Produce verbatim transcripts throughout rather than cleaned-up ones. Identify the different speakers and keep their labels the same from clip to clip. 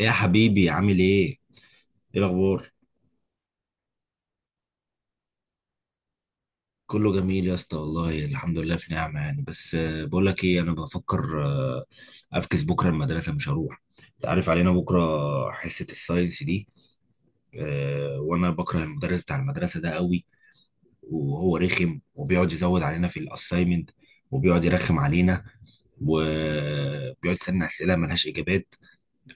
Speaker 1: ايه يا حبيبي عامل ايه؟ ايه الاخبار؟ كله جميل يا اسطى والله، الحمد لله في نعمه. يعني بس آه، بقول لك ايه، انا بفكر آه، افكس بكره، المدرسه مش هروح. انت عارف علينا بكره حصه الساينس دي. آه، وانا بكره المدرس بتاع المدرسه ده قوي، وهو رخم وبيقعد يزود علينا في الاساينمنت، وبيقعد يرخم علينا، وبيقعد يسألنا اسئله ملهاش اجابات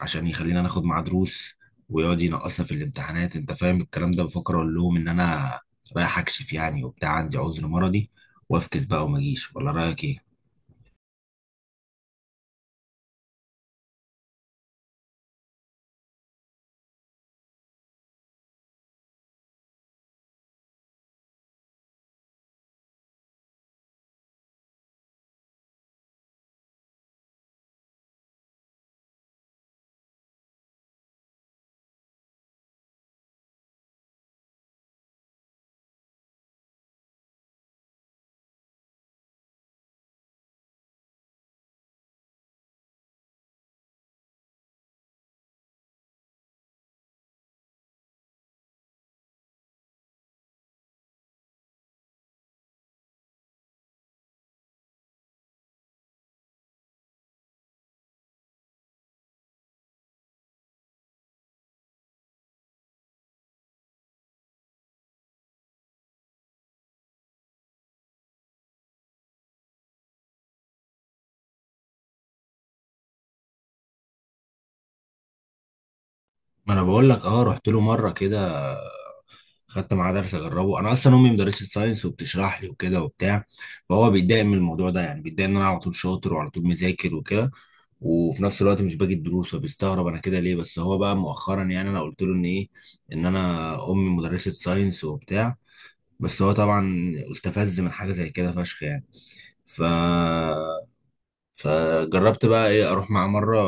Speaker 1: عشان يخلينا ناخد معاه دروس، ويقعد ينقصنا في الامتحانات. انت فاهم الكلام ده؟ بفكر اقول لهم ان انا رايح اكشف يعني وبتاع، عندي عذر مرضي، وافكس بقى وما اجيش. ولا رايك ايه؟ ما انا بقول لك، اه رحت له مره كده، خدت معاه درس اجربه. انا اصلا امي مدرسه ساينس وبتشرح لي وكده وبتاع، فهو بيتضايق من الموضوع ده. يعني بيتضايق ان انا على طول شاطر وعلى طول مذاكر وكده، وفي نفس الوقت مش باجي الدروس، وبيستغرب انا كده ليه. بس هو بقى مؤخرا، يعني انا قلت له ان ايه، ان انا امي مدرسه ساينس وبتاع، بس هو طبعا استفز من حاجه زي كده فشخ يعني. ف فجربت بقى ايه، اروح معاه مره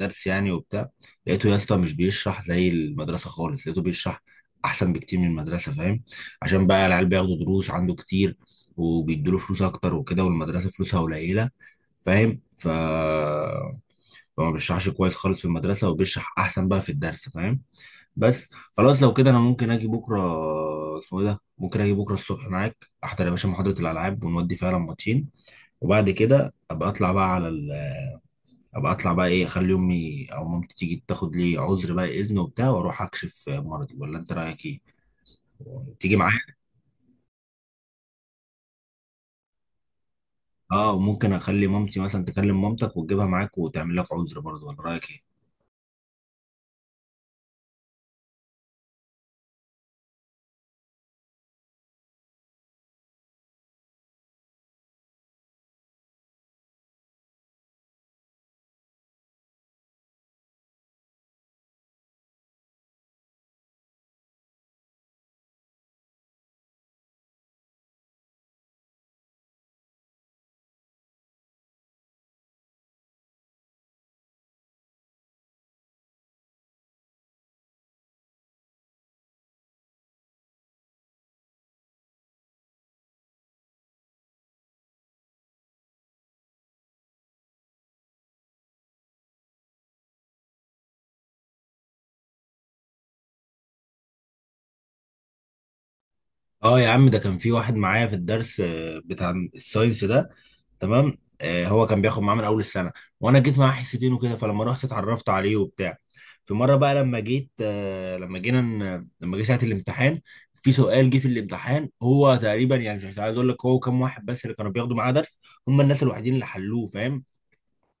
Speaker 1: درس يعني وبتاع. لقيته يا اسطى مش بيشرح زي المدرسه خالص، لقيته بيشرح احسن بكتير من المدرسه، فاهم؟ عشان بقى العيال بياخدوا دروس عنده كتير وبيدوا له فلوس اكتر وكده، والمدرسه فلوسها قليله فاهم. ف فما بيشرحش كويس خالص في المدرسه، وبيشرح احسن بقى في الدرس فاهم. بس خلاص لو كده انا ممكن اجي بكره. اسمه ايه ده؟ ممكن اجي بكره الصبح معاك، احضر يا باشا محاضره الالعاب ونودي فعلا ماتشين. وبعد كده ابقى اطلع بقى على ال... ابقى اطلع بقى ايه، اخلي امي او مامتي تيجي تاخد لي عذر بقى اذن وبتاع، واروح اكشف مرضي. ولا انت رايك ايه؟ تيجي معايا؟ اه، وممكن اخلي مامتي مثلا تكلم مامتك وتجيبها معاك وتعمل لك عذر برضه. ولا رايك ايه؟ اه يا عم، ده كان في واحد معايا في الدرس آه، بتاع الساينس ده. تمام. آه، هو كان بياخد معاه من اول السنه، وانا جيت معاه حصتين وكده، فلما رحت اتعرفت عليه وبتاع. في مره بقى لما جيت آه، لما جينا ن- لما جه ساعه الامتحان، في سؤال جه في الامتحان، هو تقريبا يعني مش عايز اقول لك هو كام واحد، بس اللي كانوا بياخدوا معاه درس هم الناس الوحيدين اللي حلوه فاهم.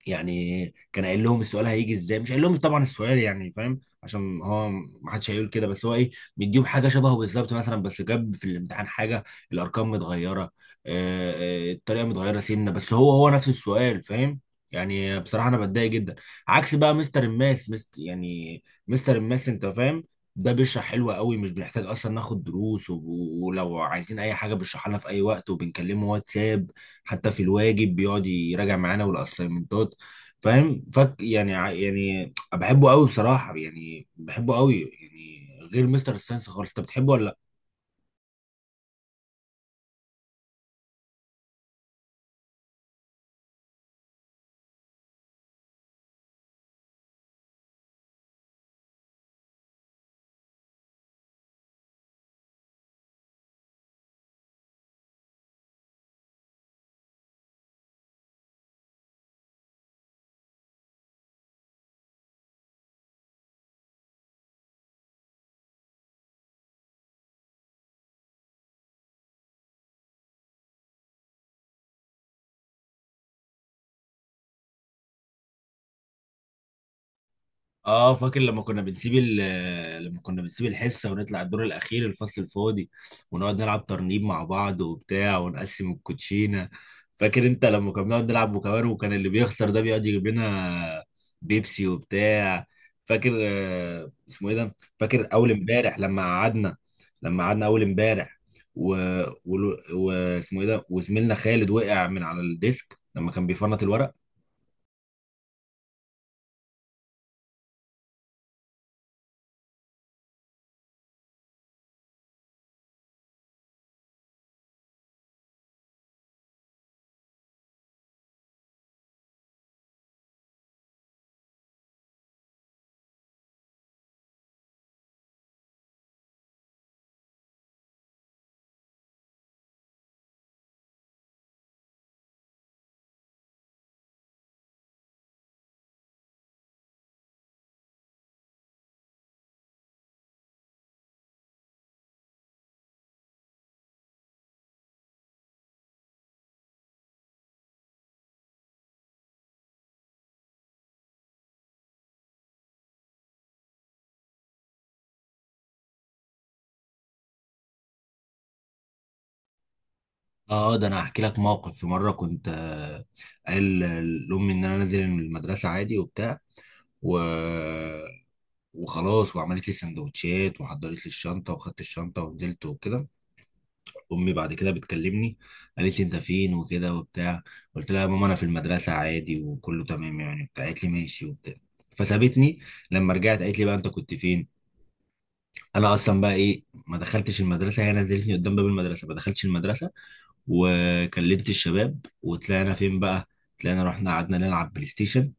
Speaker 1: يعني كان قايل لهم السؤال هيجي ازاي، مش قايل لهم طبعا السؤال يعني فاهم، عشان هو ما حدش هيقول كده، بس هو ايه، مديهم حاجه شبهه بالظبط مثلا، بس جاب في الامتحان حاجه الارقام متغيره، آه، آه، الطريقه متغيره سنه، بس هو هو نفس السؤال فاهم. يعني بصراحه انا بتضايق جدا. عكس بقى مستر الماس مست يعني مستر الماس انت فاهم، ده بيشرح حلو قوي، مش بنحتاج اصلا ناخد دروس، و- ولو عايزين اي حاجه بيشرحها لنا في اي وقت، وبنكلمه واتساب، حتى في الواجب بيقعد يراجع معانا والاسايمنتات فاهم. فك يعني ع- يعني بحبه قوي بصراحه، يعني بحبه قوي يعني غير مستر ساينس خالص. انت بتحبه ولا؟ اه فاكر لما كنا بنسيب ال لما كنا بنسيب الحصه، ونطلع الدور الاخير الفصل الفاضي، ونقعد نلعب ترنيب مع بعض وبتاع، ونقسم الكوتشينه. فاكر انت لما كنا بنقعد نلعب بوكابار، وكان اللي بيخسر ده بيقعد يجيب لنا بيبسي وبتاع. فاكر آه، اسمه ايه ده، فاكر اول امبارح لما قعدنا لما قعدنا اول امبارح و... و... واسمه ايه ده، وزميلنا خالد وقع من على الديسك لما كان بيفنط الورق. اه، ده انا هحكي لك موقف، في مره كنت آه، قايل لامي ان انا نازل من المدرسه عادي وبتاع. و... وخلاص، وعملت لي سندوتشات وحضرت لي الشنطه، وخدت الشنطه ونزلت وكده. امي بعد كده بتكلمني، قالت لي انت فين وكده وبتاع، قلت لها يا ماما انا في المدرسه عادي وكله تمام يعني بتاع، قالت لي ماشي وبتاع، فسابتني. لما رجعت قالت لي بقى انت كنت فين. انا اصلا بقى ايه، ما دخلتش المدرسه، هي نزلتني قدام باب المدرسه، ما دخلتش المدرسه، وكلمت الشباب وطلعنا فين بقى. طلعنا رحنا قعدنا نلعب بلاي ستيشن.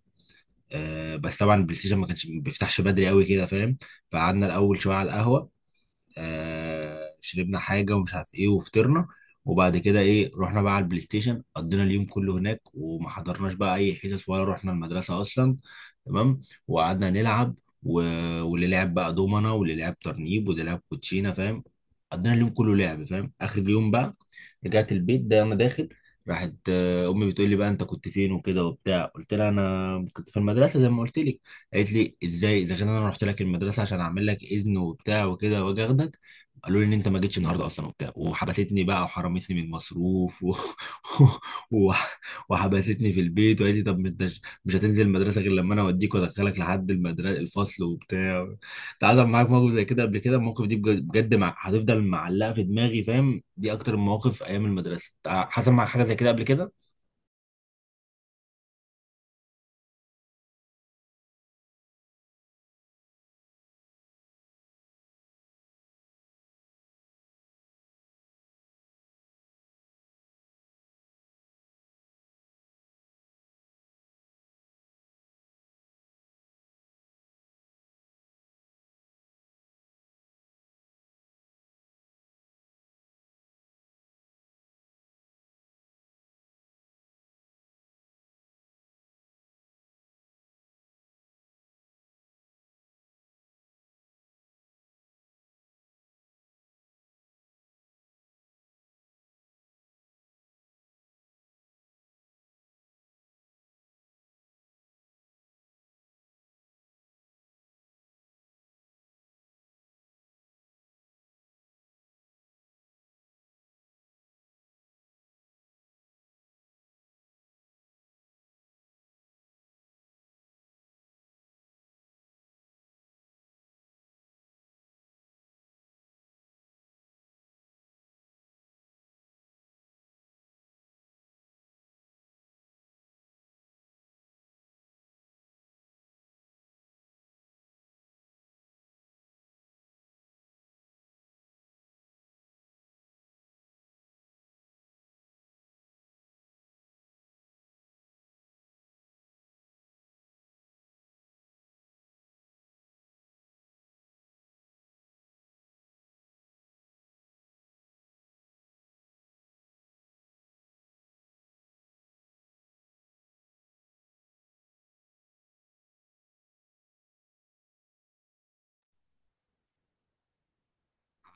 Speaker 1: آه، بس طبعا البلاي ستيشن ما كانش، ما بيفتحش بدري قوي كده فاهم. فقعدنا الاول شويه على القهوه، آه، شربنا حاجه ومش عارف ايه، وفطرنا. وبعد كده ايه، رحنا بقى على البلاي ستيشن، قضينا اليوم كله هناك، وما حضرناش بقى اي حصص ولا رحنا المدرسه اصلا تمام. وقعدنا نلعب و... واللي لعب بقى دومنا، واللي لعب ترنيب، واللي لعب كوتشينه فاهم. قضينا اليوم كله لعب فاهم. اخر اليوم بقى رجعت البيت، ده انا داخل، راحت آه، امي بتقول لي بقى انت كنت فين وكده وبتاع، قلت لها انا كنت في المدرسه زي ما قلت لك. قالت لي ازاي، اذا كان انا رحت لك المدرسه عشان اعمل لك اذن وبتاع وكده، واجي اخدك، قالوا لي ان انت ما جيتش النهارده اصلا وبتاع. وحبستني بقى، وحرمتني من المصروف و... و... وحبستني في البيت، وقالت لي طب انت مش مش هتنزل المدرسه غير لما انا اوديك وادخلك لحد المدرسه الفصل وبتاع. تعالى، معاك موقف زي كده قبل كده؟ المواقف دي بجد بجد مع... هتفضل معلقه في دماغي فاهم، دي اكتر المواقف ايام المدرسه. تع- حصل معاك حاجه زي كده قبل كده؟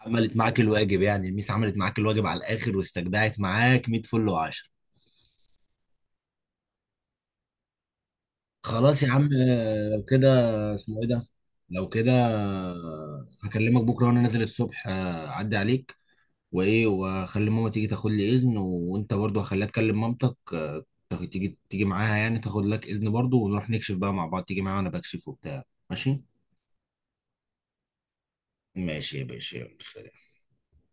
Speaker 1: عملت معاك الواجب يعني، الميس عملت معاك الواجب على الاخر، واستجدعت معاك مية فل و10. خلاص يا عم، آه، لو كده، اسمه ايه ده، لو كده آه، هكلمك بكره وانا نازل الصبح، آه، اعدي عليك وايه، واخلي ماما تيجي تاخد لي اذن، وانت برضو هخليها تكلم مامتك، آه، تاخد- تيجي تيجي معاها يعني، تاخد لك اذن برضو، ونروح نكشف بقى مع بعض. تيجي معايا وانا بكشف وبتاع؟ ماشي. ماشي يا باشا، يلا سلام.